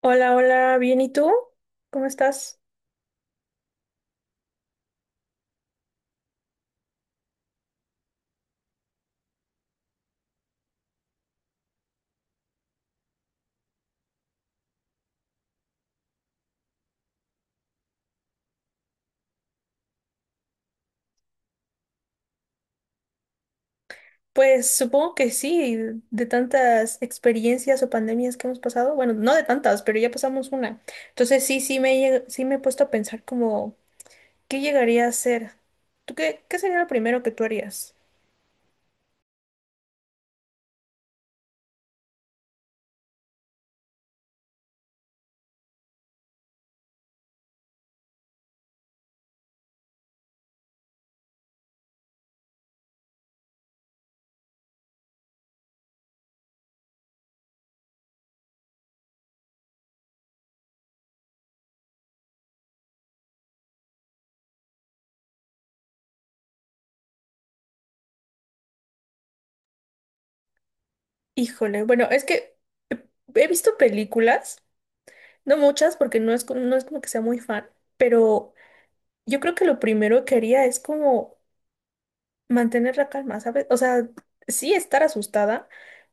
Hola, hola, bien, ¿y tú? ¿Cómo estás? Pues supongo que sí, de tantas experiencias o pandemias que hemos pasado, bueno, no de tantas, pero ya pasamos una. Entonces sí, sí me he puesto a pensar como, ¿qué llegaría a ser? ¿Tú qué sería lo primero que tú harías? Híjole, bueno, es que he visto películas, no muchas porque no es como que sea muy fan, pero yo creo que lo primero que haría es como mantener la calma, ¿sabes? O sea, sí estar asustada.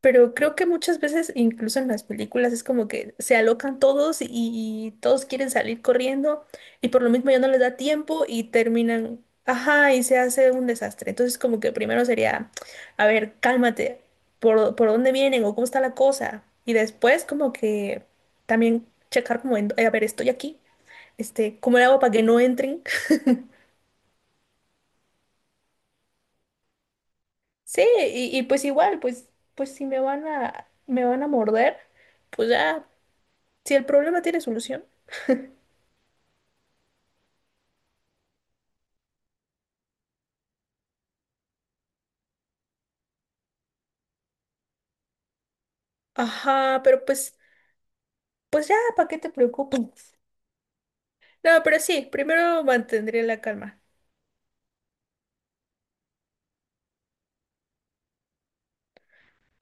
Pero creo que muchas veces, incluso en las películas, es como que se alocan todos y todos quieren salir corriendo y por lo mismo ya no les da tiempo y terminan, ajá, y se hace un desastre. Entonces como que primero sería, a ver, cálmate, ¿por dónde vienen o cómo está la cosa? Y después como que también checar como, a ver, estoy aquí, este, ¿cómo le hago para que no entren? Sí, y pues igual, pues, pues si me van a morder, pues ya, si el problema tiene solución. Ajá, pero pues, pues ya, ¿para qué te preocupas? No, pero sí, primero mantendré la calma.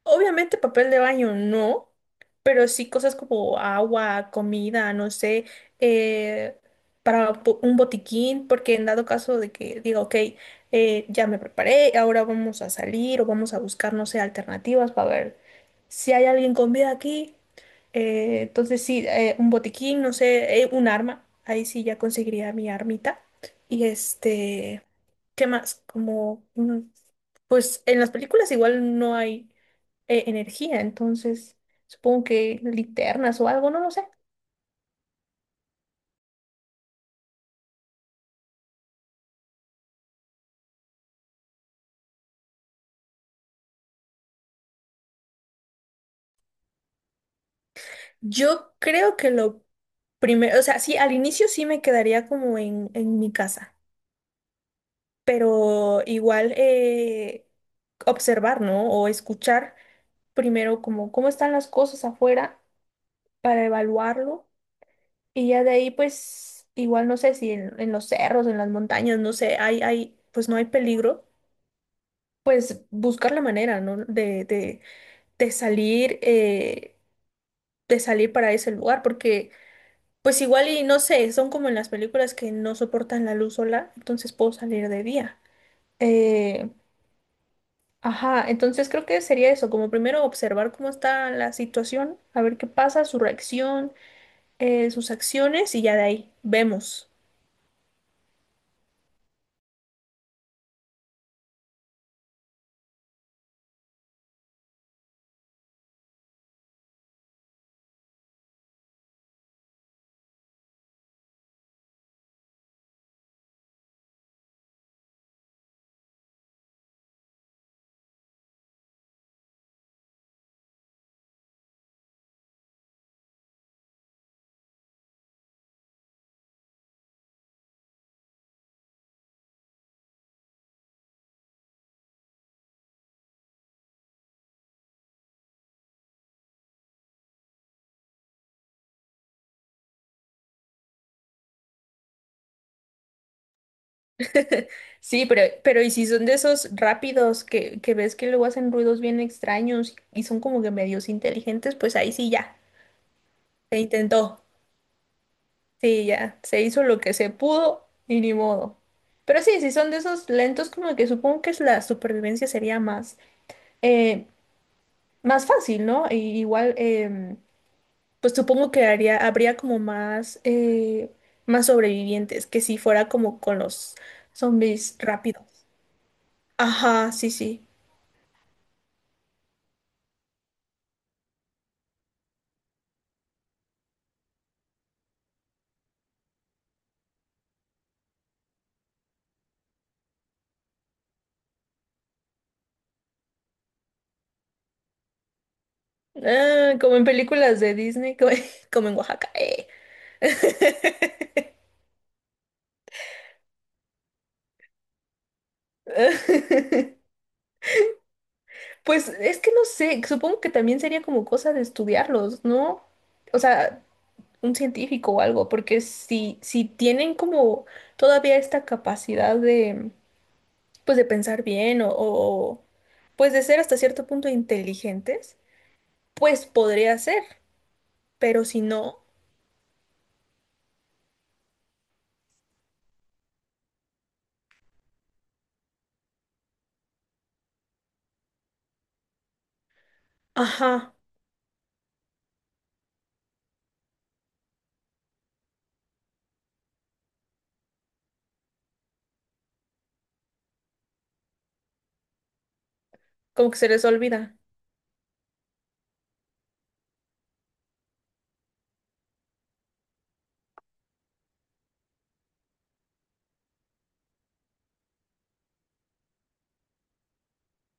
Obviamente papel de baño no, pero sí cosas como agua, comida, no sé, eh, para un botiquín, porque en dado caso de que diga, ok, ya me preparé, ahora vamos a salir o vamos a buscar, no sé, alternativas para ver si hay alguien con vida aquí. Entonces sí, un botiquín, no sé, un arma. Ahí sí ya conseguiría mi armita. Y este, ¿qué más? Como, pues en las películas igual no hay energía, entonces supongo que linternas o algo, no lo sé. Yo creo que lo primero, o sea, sí, al inicio sí me quedaría como en mi casa, pero igual observar, ¿no? O escuchar primero como cómo están las cosas afuera para evaluarlo. Y ya de ahí, pues, igual no sé si en, en los cerros, en las montañas, no sé, pues no hay peligro, pues buscar la manera, ¿no? De salir, eh, de salir para ese lugar, porque pues igual y no sé, son como en las películas que no soportan la luz sola, entonces puedo salir de día. Eh, ajá, entonces creo que sería eso, como primero observar cómo está la situación, a ver qué pasa, su reacción, sus acciones y ya de ahí vemos. Sí, pero y si son de esos rápidos que ves que luego hacen ruidos bien extraños y son como que medios inteligentes, pues ahí sí ya, se intentó. Sí, ya, se hizo lo que se pudo y ni modo. Pero sí, si son de esos lentos, como que supongo que es la supervivencia sería más, eh, más fácil, ¿no? Y igual, pues supongo que haría, habría como más, más sobrevivientes que si fuera como con los zombies rápidos. Ajá, sí, sí. Ah, como en películas de Disney, como, como en Oaxaca. Pues es que no sé, supongo que también sería como cosa de estudiarlos, ¿no? O sea, un científico o algo, porque si, si tienen como todavía esta capacidad de, pues de pensar bien o pues de ser hasta cierto punto inteligentes, pues podría ser, pero si no, ajá, como que se les olvida.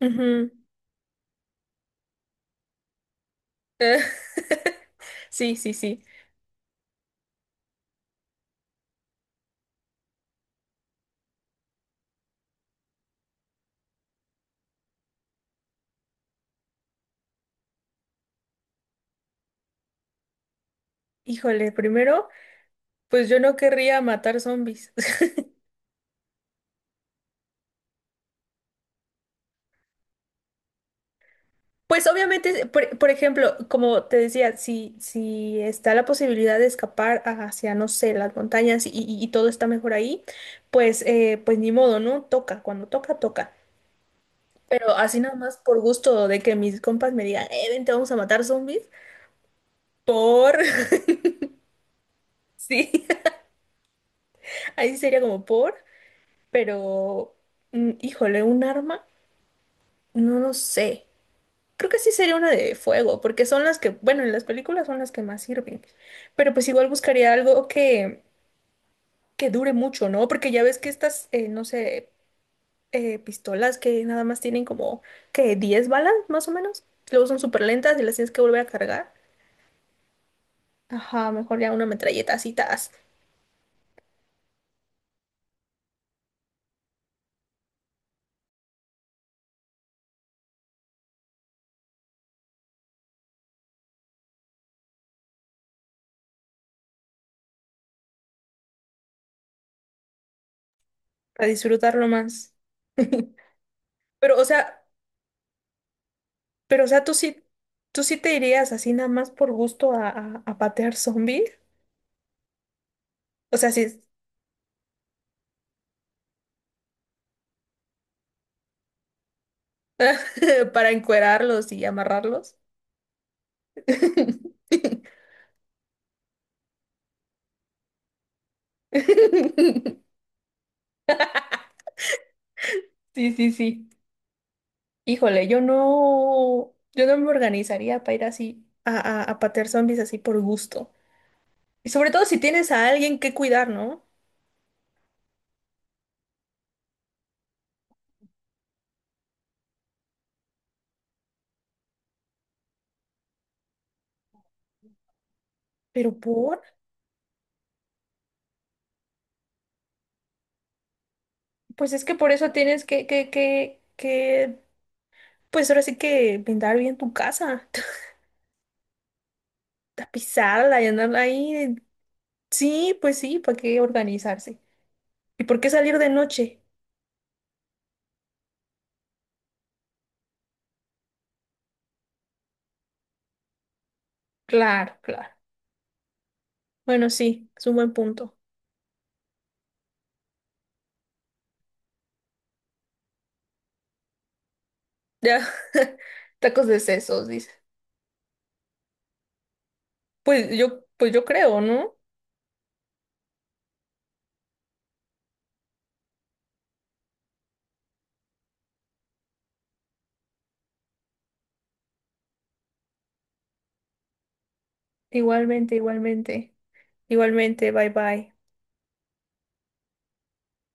Ujú. Sí, sí, sí. Híjole, primero, pues yo no querría matar zombies. Pues obviamente, por ejemplo, como te decía, si, si está la posibilidad de escapar hacia, no sé, las montañas y todo está mejor ahí, pues, pues ni modo, ¿no? Toca, cuando toca, toca. Pero así nada más por gusto de que mis compas me digan, vente, vamos a matar zombies. Por, sí, ahí sería como por, pero, mm, híjole, un arma, no lo sé. Creo que sí sería una de fuego, porque son las que, bueno, en las películas son las que más sirven. Pero pues igual buscaría algo que dure mucho, ¿no? Porque ya ves que estas, no sé, pistolas que nada más tienen como que 10 balas, más o menos. Luego son súper lentas y las tienes que volver a cargar. Ajá, mejor ya una metralleta así, tas, para disfrutarlo más. Pero, o sea, pero, o sea, tú sí te irías así nada más por gusto a patear zombies. O sea, sí. Para encuerarlos y amarrarlos. Sí, sí, sí. Híjole, yo no, yo no me organizaría para ir así a patear zombies así por gusto. Y sobre todo si tienes a alguien que cuidar, ¿no? Pero por, pues es que por eso tienes pues ahora sí que pintar bien tu casa, tapizarla y andarla ahí. Sí, pues sí, ¿para qué organizarse? ¿Y por qué salir de noche? Claro, claro. Bueno, sí, es un buen punto. Ya, tacos de sesos, dice. Pues yo creo, ¿no? Igualmente, igualmente. Igualmente, bye bye.